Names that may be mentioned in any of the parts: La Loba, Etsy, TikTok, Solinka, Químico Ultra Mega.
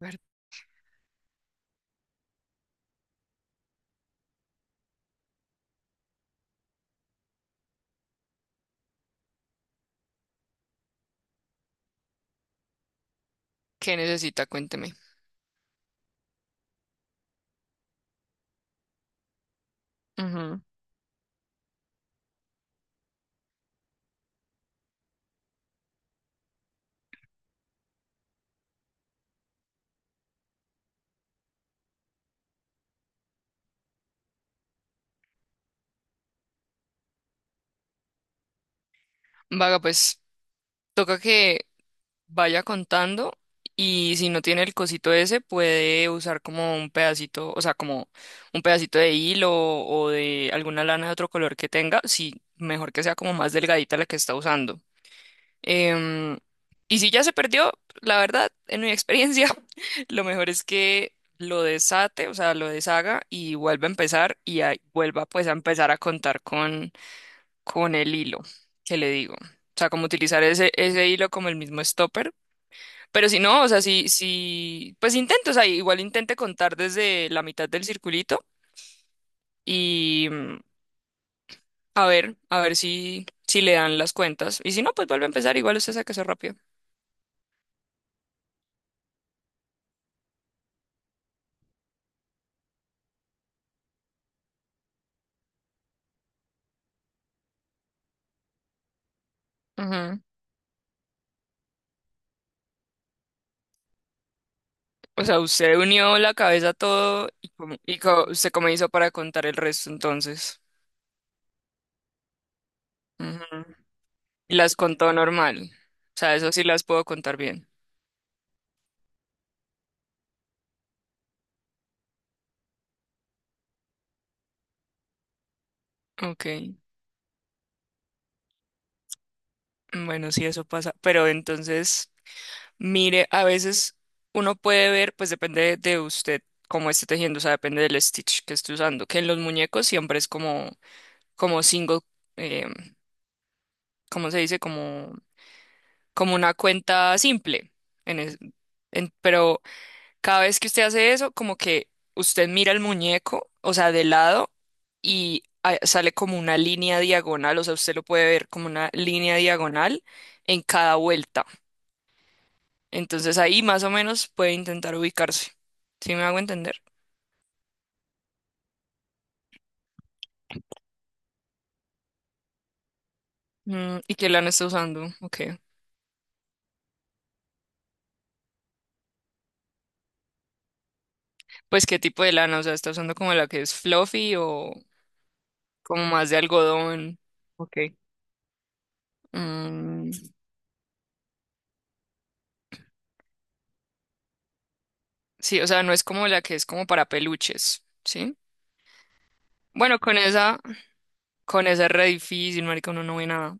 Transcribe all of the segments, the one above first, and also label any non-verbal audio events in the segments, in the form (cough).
A ver, ¿qué necesita? Cuénteme. Ujú. Vaga, pues toca que vaya contando y si no tiene el cosito ese, puede usar como un pedacito, o sea, como un pedacito de hilo o de alguna lana de otro color que tenga, si mejor que sea como más delgadita la que está usando. Em, y si ya se perdió, la verdad, en mi experiencia, (laughs) lo mejor es que lo desate, o sea, lo deshaga y vuelva a empezar y ahí vuelva pues a empezar a contar con el hilo que le digo. O sea, como utilizar ese, ese hilo como el mismo stopper. Pero si no, o sea, si, si, pues intento, o sea, igual intente contar desde la mitad del circulito y a ver si, si le dan las cuentas. Y si no, pues vuelve a empezar, igual usted saca eso rápido. Ujú. O sea, usted unió la cabeza a todo y, cómo- y co- usted cómo hizo para contar el resto entonces. Ujú. Y las contó normal. O sea, eso sí las puedo contar bien. Ok. Bueno, sí, eso pasa, pero entonces, mire, a veces uno puede ver, pues depende de usted cómo esté tejiendo, o sea, depende del stitch que esté usando, que en los muñecos siempre es como, como single, eh, ¿cómo se dice? Como, como una cuenta simple, en es- pero cada vez que usted hace eso, como que usted mira el muñeco, o sea, de lado, y ah, sale como una línea diagonal, o sea, usted lo puede ver como una línea diagonal en cada vuelta. Entonces ahí más o menos puede intentar ubicarse. ¿Sí me hago entender? Mm, ¿y qué lana está usando? Ok. Pues qué tipo de lana, o sea, está usando como la que es fluffy o como más de algodón. Ok. Mm, sí, o sea, no es como la que es como para peluches, ¿sí? Bueno, con esa es re difícil, marica, uno no ve nada.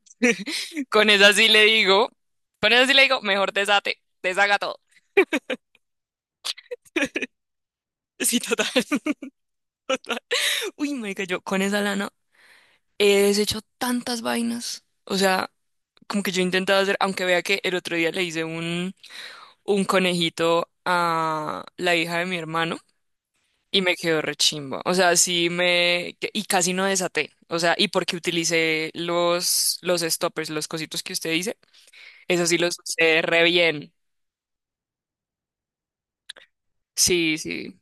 (laughs) Con esa sí le digo, con esa sí le digo, mejor desate, deshaga todo. Sí, total, (laughs) total. Uy, marica, yo con esa lana. He deshecho tantas vainas. O sea, como que yo he intentado hacer, aunque vea que el otro día le hice un conejito a la hija de mi hermano y me quedó rechimba. O sea, sí me... que- Y casi no desaté. O sea, y porque utilicé los stoppers, los cositos que usted dice, eso sí los usé re bien. Sí, sí.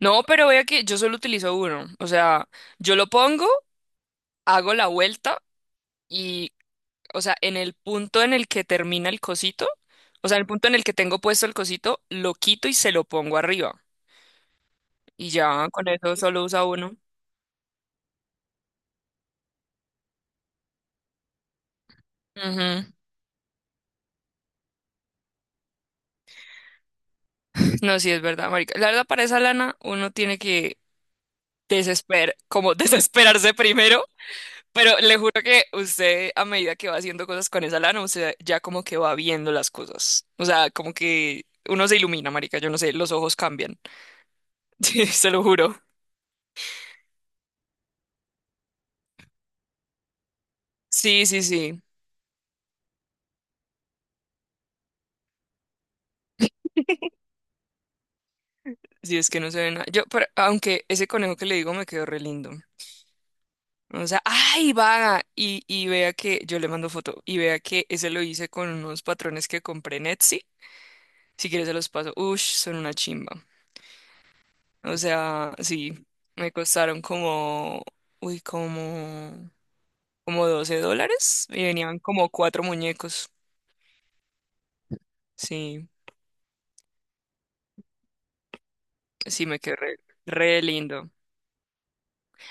No, pero vea que yo solo utilizo uno. O sea, yo lo pongo, hago la vuelta y o sea, en el punto en el que termina el cosito, o sea, en el punto en el que tengo puesto el cosito, lo quito y se lo pongo arriba. Y ya con eso solo usa uno. Ujú. No, sí es verdad, marica. La verdad, para esa lana uno tiene que desesper, como (laughs) desesperarse primero, pero le juro que usted a medida que va haciendo cosas con esa lana, usted ya como que va viendo las cosas. O sea, como que uno se ilumina, marica, yo no sé, los ojos cambian. (laughs) Sí, se lo juro. Sí, sí, sí. Si es que no se ve nada. Yo, pero- aunque ese conejo que le digo me quedó re lindo. O sea, ¡ay, vaga! Y vea que yo le mando foto y vea que ese lo hice con unos patrones que compré en Etsy. Si quieres se los paso. Ush, son una chimba. O sea, sí, me costaron como, uy, como, como 12 dólares y venían como cuatro muñecos. Sí, sí, me quedó re, re lindo.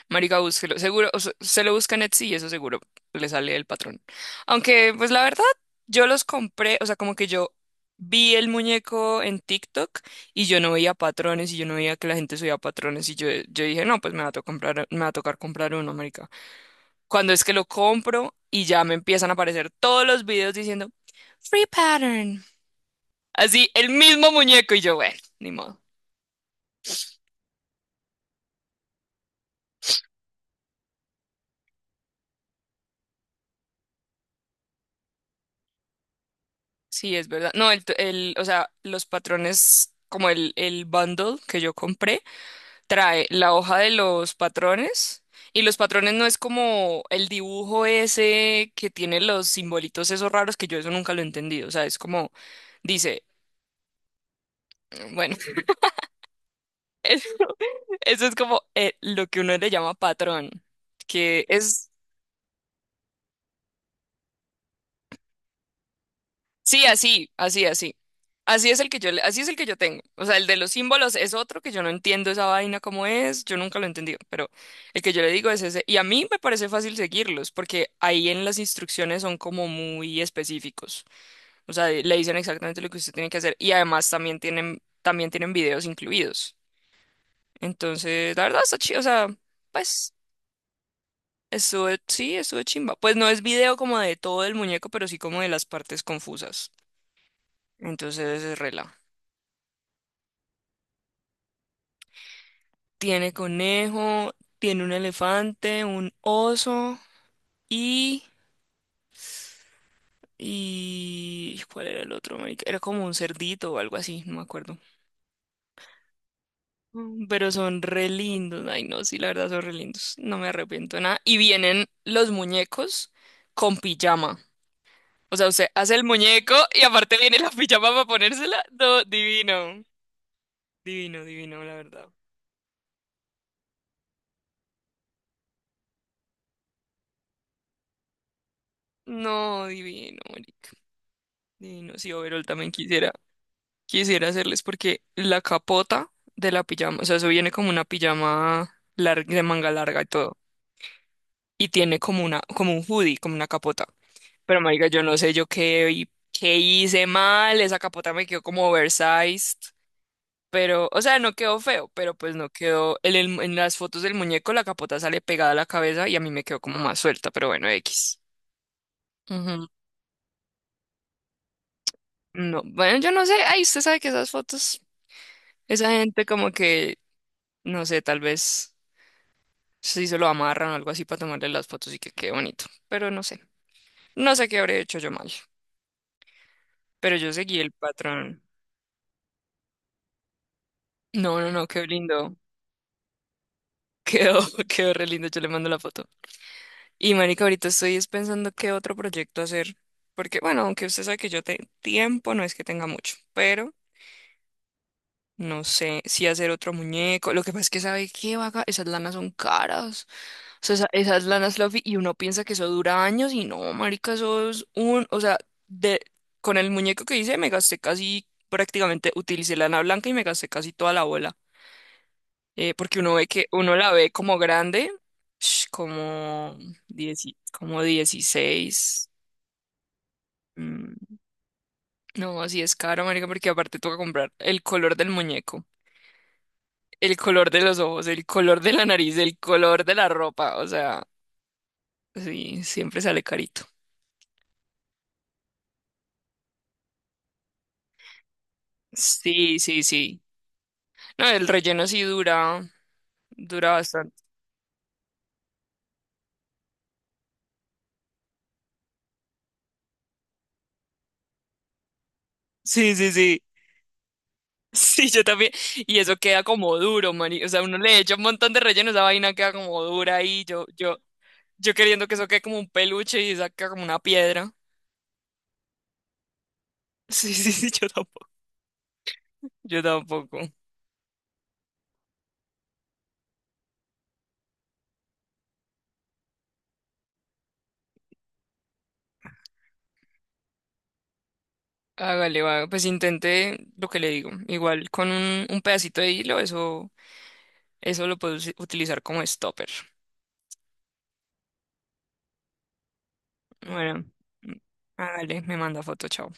Marica, búsquelo. Seguro, o sea, se lo busca en Etsy y eso seguro le sale el patrón. Aunque, pues la verdad, yo los compré, o sea, como que yo vi el muñeco en TikTok y yo no veía patrones y yo no veía que la gente subía patrones y yo dije, no, pues me va a to- comprar, me va a tocar comprar uno, marica. Cuando es que lo compro y ya me empiezan a aparecer todos los videos diciendo, free pattern. Así, el mismo muñeco y yo, bueno, ni modo. Sí, es verdad. No, o sea, los patrones, como el bundle que yo compré, trae la hoja de los patrones y los patrones no es como el dibujo ese que tiene los simbolitos esos raros que yo eso nunca lo he entendido. O sea, es como, dice, bueno, (laughs) eso, eso es como lo que uno le llama patrón, que es Sí, así, así, así. Así es el que yo, le- así es el que yo tengo. O sea, el de los símbolos es otro que yo no entiendo esa vaina cómo es, yo nunca lo he entendido, pero el que yo le digo es ese. Y a mí me parece fácil seguirlos, porque ahí en las instrucciones son como muy específicos. O sea, le dicen exactamente lo que usted tiene que hacer y además también tienen videos incluidos. Entonces, la verdad está chido, o sea, pues eso sí, eso es chimba. Pues no es video como de todo el muñeco, pero sí como de las partes confusas. Entonces, es rela. Tiene conejo, tiene un elefante, un oso y... y ¿cuál era el otro, marica? Era como un cerdito o algo así, no me acuerdo. Mm, pero son re lindos. Ay, no, sí, la verdad son re lindos. No me arrepiento de nada. Y vienen los muñecos con pijama. O sea, usted hace el muñeco y aparte viene la pijama para ponérsela. No, divino. Divino, divino, la verdad. No, divino, marica. Divino. Sí, overol también quisiera. Quisiera hacerles porque la capota de la pijama, o sea, eso viene como una pijama larga, de manga larga y todo, y tiene como una, como un hoodie, como una capota. Pero marica, yo no sé yo qué, hi- qué hice mal, esa capota me quedó como oversized, pero, o sea, no quedó feo, pero pues no quedó, en, el- en las fotos del muñeco la capota sale pegada a la cabeza y a mí me quedó como más suelta, pero bueno, X. Ujú. No, bueno, yo no sé, ay, usted sabe que esas fotos, esa gente como que, no sé, tal vez... Sí, se lo amarran o algo así para tomarle las fotos y que quede bonito. Pero no sé. No sé qué habré hecho yo mal. Pero yo seguí el patrón. No, no, no, quedó lindo. Quedó, (laughs) quedó re lindo. Yo le mando la foto. Y marica, ahorita estoy es pensando qué otro proyecto hacer. Porque, bueno, aunque usted sabe que yo te- tiempo no es que tenga mucho. Pero no sé si hacer otro muñeco. Lo que pasa es que sabe qué vaga. Esas lanas son caras. Sea, esa es lana fluffy y uno piensa que eso dura años y no, marica, eso es un, o sea, de, con el muñeco que hice me gasté casi, prácticamente utilicé lana blanca y me gasté casi toda la bola. Porque uno ve que, uno la ve como grande, sh, como, dieci- como 16, mm, no, así es caro, marica, porque aparte toca comprar el color del muñeco, el color de los ojos, el color de la nariz, el color de la ropa, o sea, sí, siempre sale carito. Sí, sí, sí. No, el relleno sí dura, dura bastante. Sí, sí, sí. (laughs) Sí, yo también. Y eso queda como duro, mani. O sea, uno le echa un montón de relleno, esa vaina queda como dura ahí. Yo queriendo que eso quede como un peluche y saca como una piedra. (laughs) Sí, sí, sí, yo tampoco. Yo tampoco. Hágale, va. Pues intente lo que le digo. Igual con un pedacito de hilo, eso lo puedes utilizar como stopper. Bueno, mm, hágale, me manda foto, chao.